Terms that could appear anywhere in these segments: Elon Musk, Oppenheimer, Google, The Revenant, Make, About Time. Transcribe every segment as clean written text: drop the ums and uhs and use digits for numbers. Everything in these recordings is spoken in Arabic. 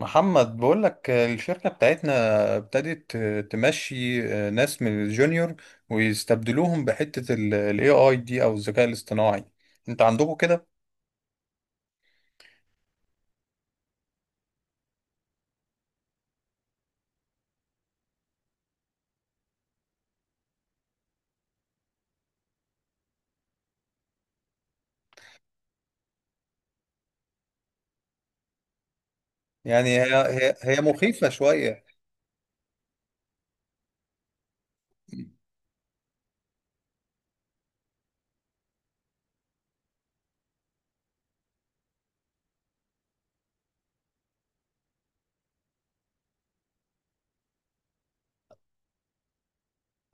محمد بقول لك الشركة بتاعتنا ابتدت تمشي ناس من الجونيور ويستبدلوهم بحتة ال AI دي أو الذكاء الاصطناعي. أنت عندكم كده؟ يعني هي مخيفة شوية.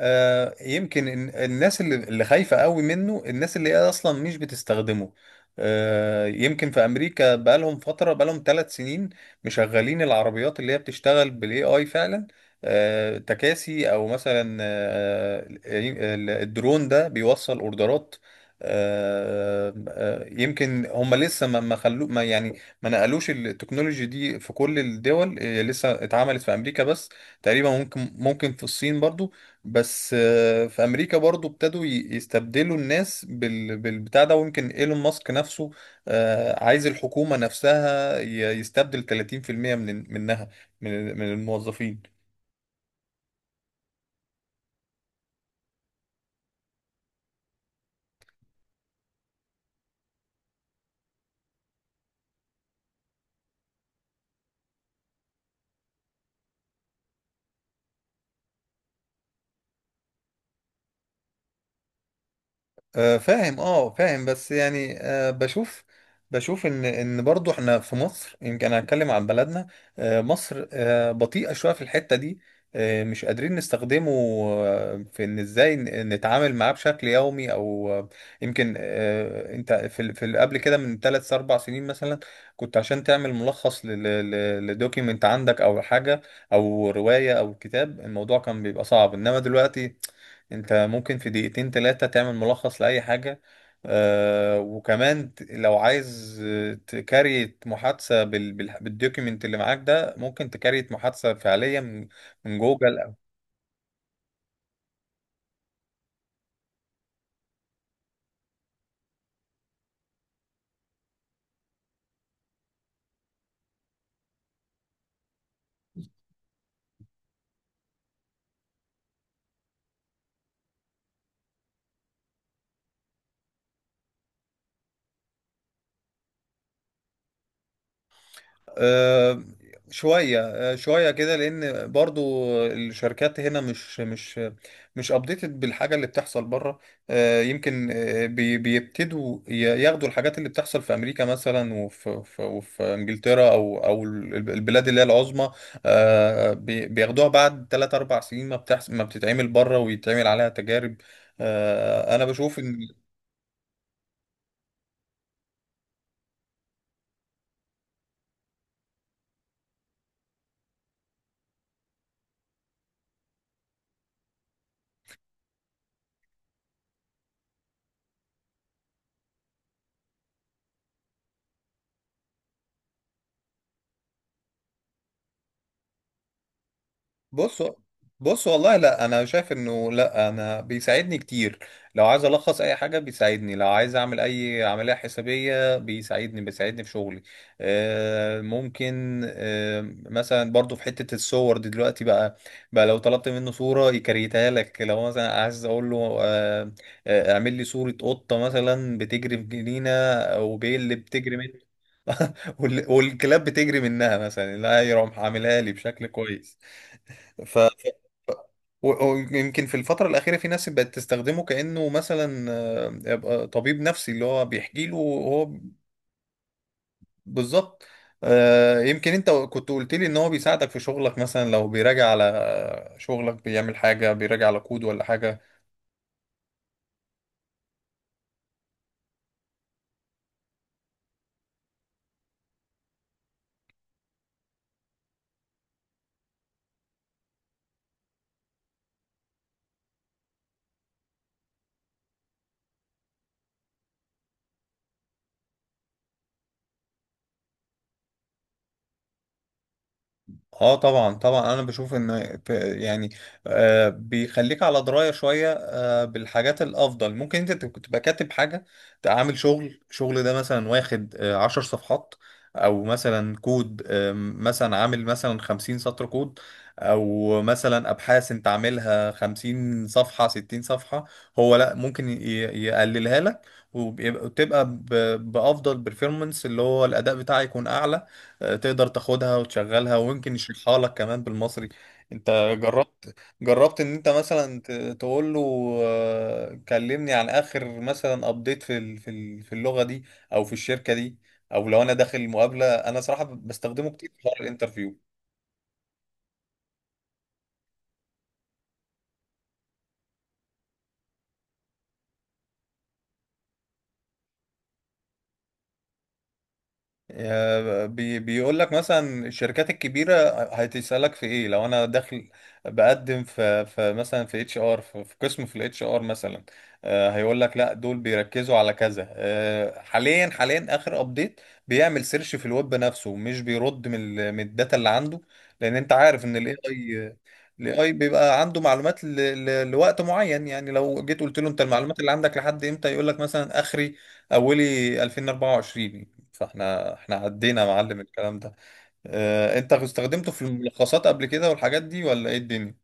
يمكن الناس اللي خايفة قوي منه الناس اللي هي أصلا مش بتستخدمه. يمكن في أمريكا بقالهم فترة، بقالهم 3 سنين مشغلين العربيات اللي هي بتشتغل بالاي اي فعلا. تكاسي، أو مثلا الدرون ده بيوصل أوردرات. يمكن هم لسه ما خلو ما يعني ما نقلوش التكنولوجي دي في كل الدول. لسه اتعملت في أمريكا بس، تقريبا ممكن في الصين برضو. بس في امريكا برضو يستبدلوا الناس بالبتاع ده. ويمكن ايلون ماسك نفسه عايز الحكومة نفسها يستبدل 30% منها، من الموظفين. فاهم، اه فاهم. بس يعني بشوف، ان برضو احنا في مصر. يمكن هنتكلم عن بلدنا. مصر بطيئة شوية في الحتة دي. مش قادرين نستخدمه في ان ازاي نتعامل معاه بشكل يومي او آه، يمكن آه، انت قبل كده من 3 4 سنين مثلا، كنت عشان تعمل ملخص لدوكيمنت عندك او حاجة او رواية او كتاب الموضوع كان بيبقى صعب. انما دلوقتي انت ممكن في 2 3 دقايق تعمل ملخص لأي حاجة. آه، وكمان لو عايز تكريت محادثة بالدوكيمنت اللي معاك ده، ممكن تكريت محادثة فعليا من جوجل. آه، شوية، شوية كده، لأن برضو الشركات هنا مش أبديتد بالحاجة اللي بتحصل بره. بيبتدوا ياخدوا الحاجات اللي بتحصل في أمريكا مثلا، وفي إنجلترا، أو البلاد اللي هي العظمى. بياخدوها بعد 3 4 سنين ما بتحصل، ما بتتعمل بره ويتعمل عليها تجارب. أنا بشوف إن، بص، بص والله، لا انا شايف انه لا، انا بيساعدني كتير. لو عايز الخص اي حاجه بيساعدني، لو عايز اعمل اي عمليه حسابيه بيساعدني، في شغلي. آه، ممكن آه، مثلا برضو في حته الصور دي دلوقتي بقى. لو طلبت منه صوره يكريتها لك، لو مثلا عايز اقول له اعمل لي صوره قطه مثلا بتجري في جنينه، او بيل بتجري من والكلاب بتجري منها مثلا، لا يروح عاملها لي بشكل كويس. ف ويمكن في الفترة الأخيرة في ناس بقت تستخدمه كأنه مثلا يبقى طبيب نفسي اللي هو بيحكي له هو. بالظبط. يمكن أنت كنت قلت لي إن هو بيساعدك في شغلك. مثلا لو بيراجع على شغلك، بيعمل حاجة، بيراجع على كود ولا حاجة. اه طبعا طبعا، انا بشوف ان، يعني آه بيخليك على درايه شويه آه بالحاجات الافضل. ممكن انت تبقى كاتب حاجه، تبقى عامل شغل ده مثلا واخد آه 10 صفحات، او مثلا كود آه مثلا عامل مثلا 50 سطر كود، او مثلا ابحاث انت عاملها 50 صفحه 60 صفحه، هو لا ممكن يقللها لك. وتبقى بافضل بيرفورمانس، اللي هو الاداء بتاعي يكون اعلى. تقدر تاخدها وتشغلها ويمكن يشرحها لك كمان بالمصري. انت جربت، ان انت مثلا تقول له كلمني عن اخر مثلا ابديت في اللغة دي او في الشركة دي، او لو انا داخل مقابلة. انا صراحة بستخدمه كتير في حوار الانترفيو. آه، بي بيقول لك مثلا الشركات الكبيره هتسالك في ايه. لو انا داخل بقدم في في مثلا في اتش ار في في قسم في الاتش ار مثلا، هيقول لك لا دول بيركزوا على كذا حاليا، اخر ابديت. بيعمل سيرش في الويب نفسه، مش بيرد من الداتا اللي عنده، لان انت عارف ان الاي اي بيبقى عنده معلومات لوقت معين. يعني لو جيت قلت له انت المعلومات اللي عندك لحد امتى، يقول لك مثلا اخري، اولي 2024. فاحنا عدينا يا معلم الكلام ده. اه، انت استخدمته في الملخصات قبل كده والحاجات دي، ولا ايه الدنيا؟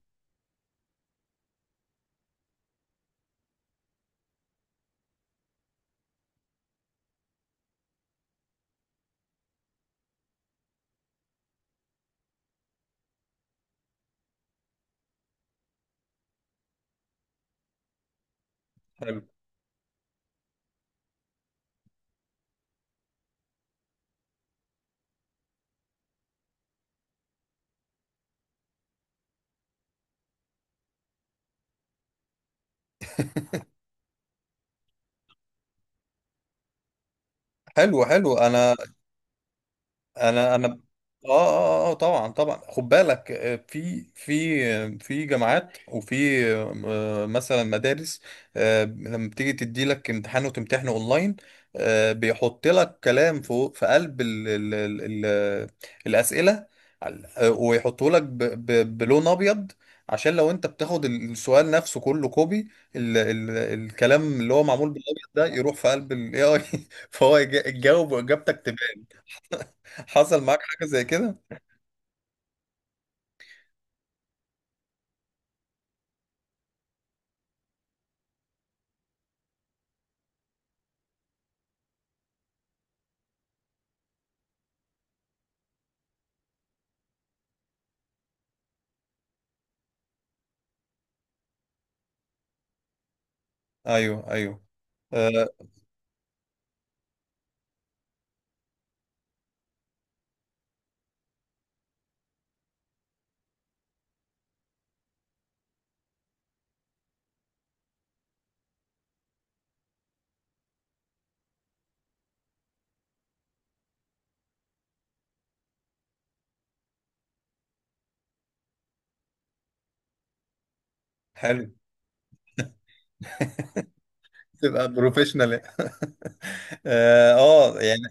حلو، حلو، حلو، انا اه طبعا طبعا، خد بالك في جامعات وفي مثلا مدارس لما بتيجي تدي لك امتحان وتمتحنه اونلاين بيحط لك كلام فوق في قلب ال الاسئله، ويحطه لك بلون ابيض، عشان لو انت بتاخد السؤال نفسه كله كوبي، ال الكلام اللي هو معمول بالابيض ده يروح في قلب الاي اي فهو يجاوب واجابتك. حصل معاك حاجة زي كده؟ ايوه، ايوه، آه، حلو. تبقى بروفيشنال اه آه، يعني.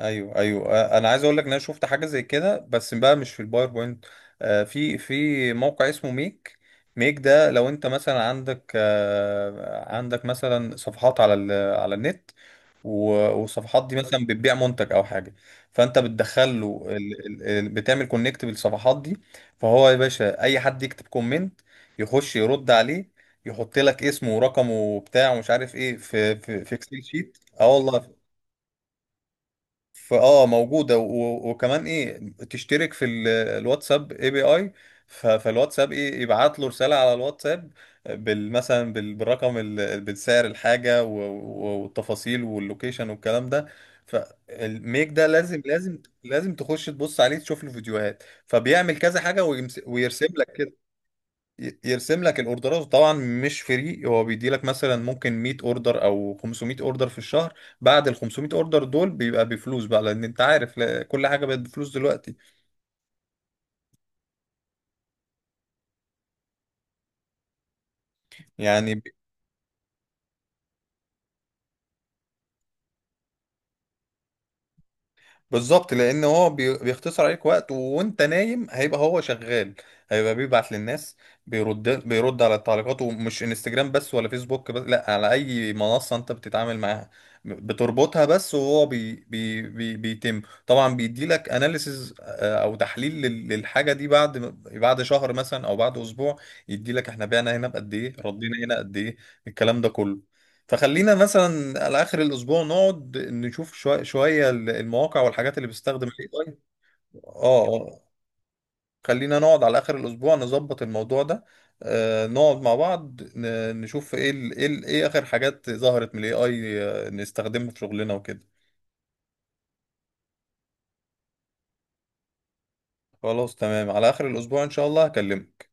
ايوه، ايوه، انا عايز اقول لك ان انا شفت حاجه زي كده بس بقى مش في الباوربوينت. آه، في في موقع اسمه ميك. ميك ده لو انت مثلا عندك عندك مثلا صفحات على النت، و- والصفحات دي مثلا بتبيع منتج او حاجه، فانت بتدخل له بتعمل كونكت بالصفحات دي. فهو يا باشا اي حد يكتب كومنت يخش يرد عليه، يحط لك اسمه ورقمه وبتاع ومش عارف ايه في اكسل شيت. اه والله، فاه موجوده، وكمان ايه، تشترك الواتساب اي بي اي، فالواتساب ايه يبعت له رساله على الواتساب مثلا بالرقم، بالسعر، الحاجه والتفاصيل واللوكيشن والكلام ده. فالميك ده لازم، لازم تخش تبص عليه تشوف له فيديوهات، فبيعمل كذا حاجه ويرسم لك، يرسم لك الاوردرات. طبعا مش فري، هو بيدي لك مثلا ممكن 100 اوردر او 500 اوردر في الشهر، بعد ال 500 اوردر دول بيبقى بفلوس بقى، لان انت عارف كل حاجه بقت بفلوس دلوقتي، يعني. بالظبط، لان هو بيختصر عليك وقت، وانت نايم هيبقى هو شغال، هيبقى بيبعت للناس، بيرد على التعليقات. ومش انستجرام بس ولا فيسبوك بس، لا، على اي منصة انت بتتعامل معاها بتربطها بس. وهو بي بي بي بيتم. طبعا بيديلك اناليسز او تحليل للحاجة دي بعد، بعد شهر مثلا او بعد اسبوع، يديلك احنا بعنا هنا بقد ايه، ردينا هنا قد ايه، الكلام ده كله. فخلينا مثلا على اخر الاسبوع نقعد نشوف شويه شويه المواقع والحاجات اللي بتستخدم الاي اي. اه آه. خلينا نقعد على اخر الاسبوع نظبط الموضوع ده. آه، نقعد مع بعض نشوف ايه ال اخر حاجات ظهرت من الاي اي نستخدمها في شغلنا وكده. خلاص تمام، على اخر الاسبوع ان شاء الله هكلمك.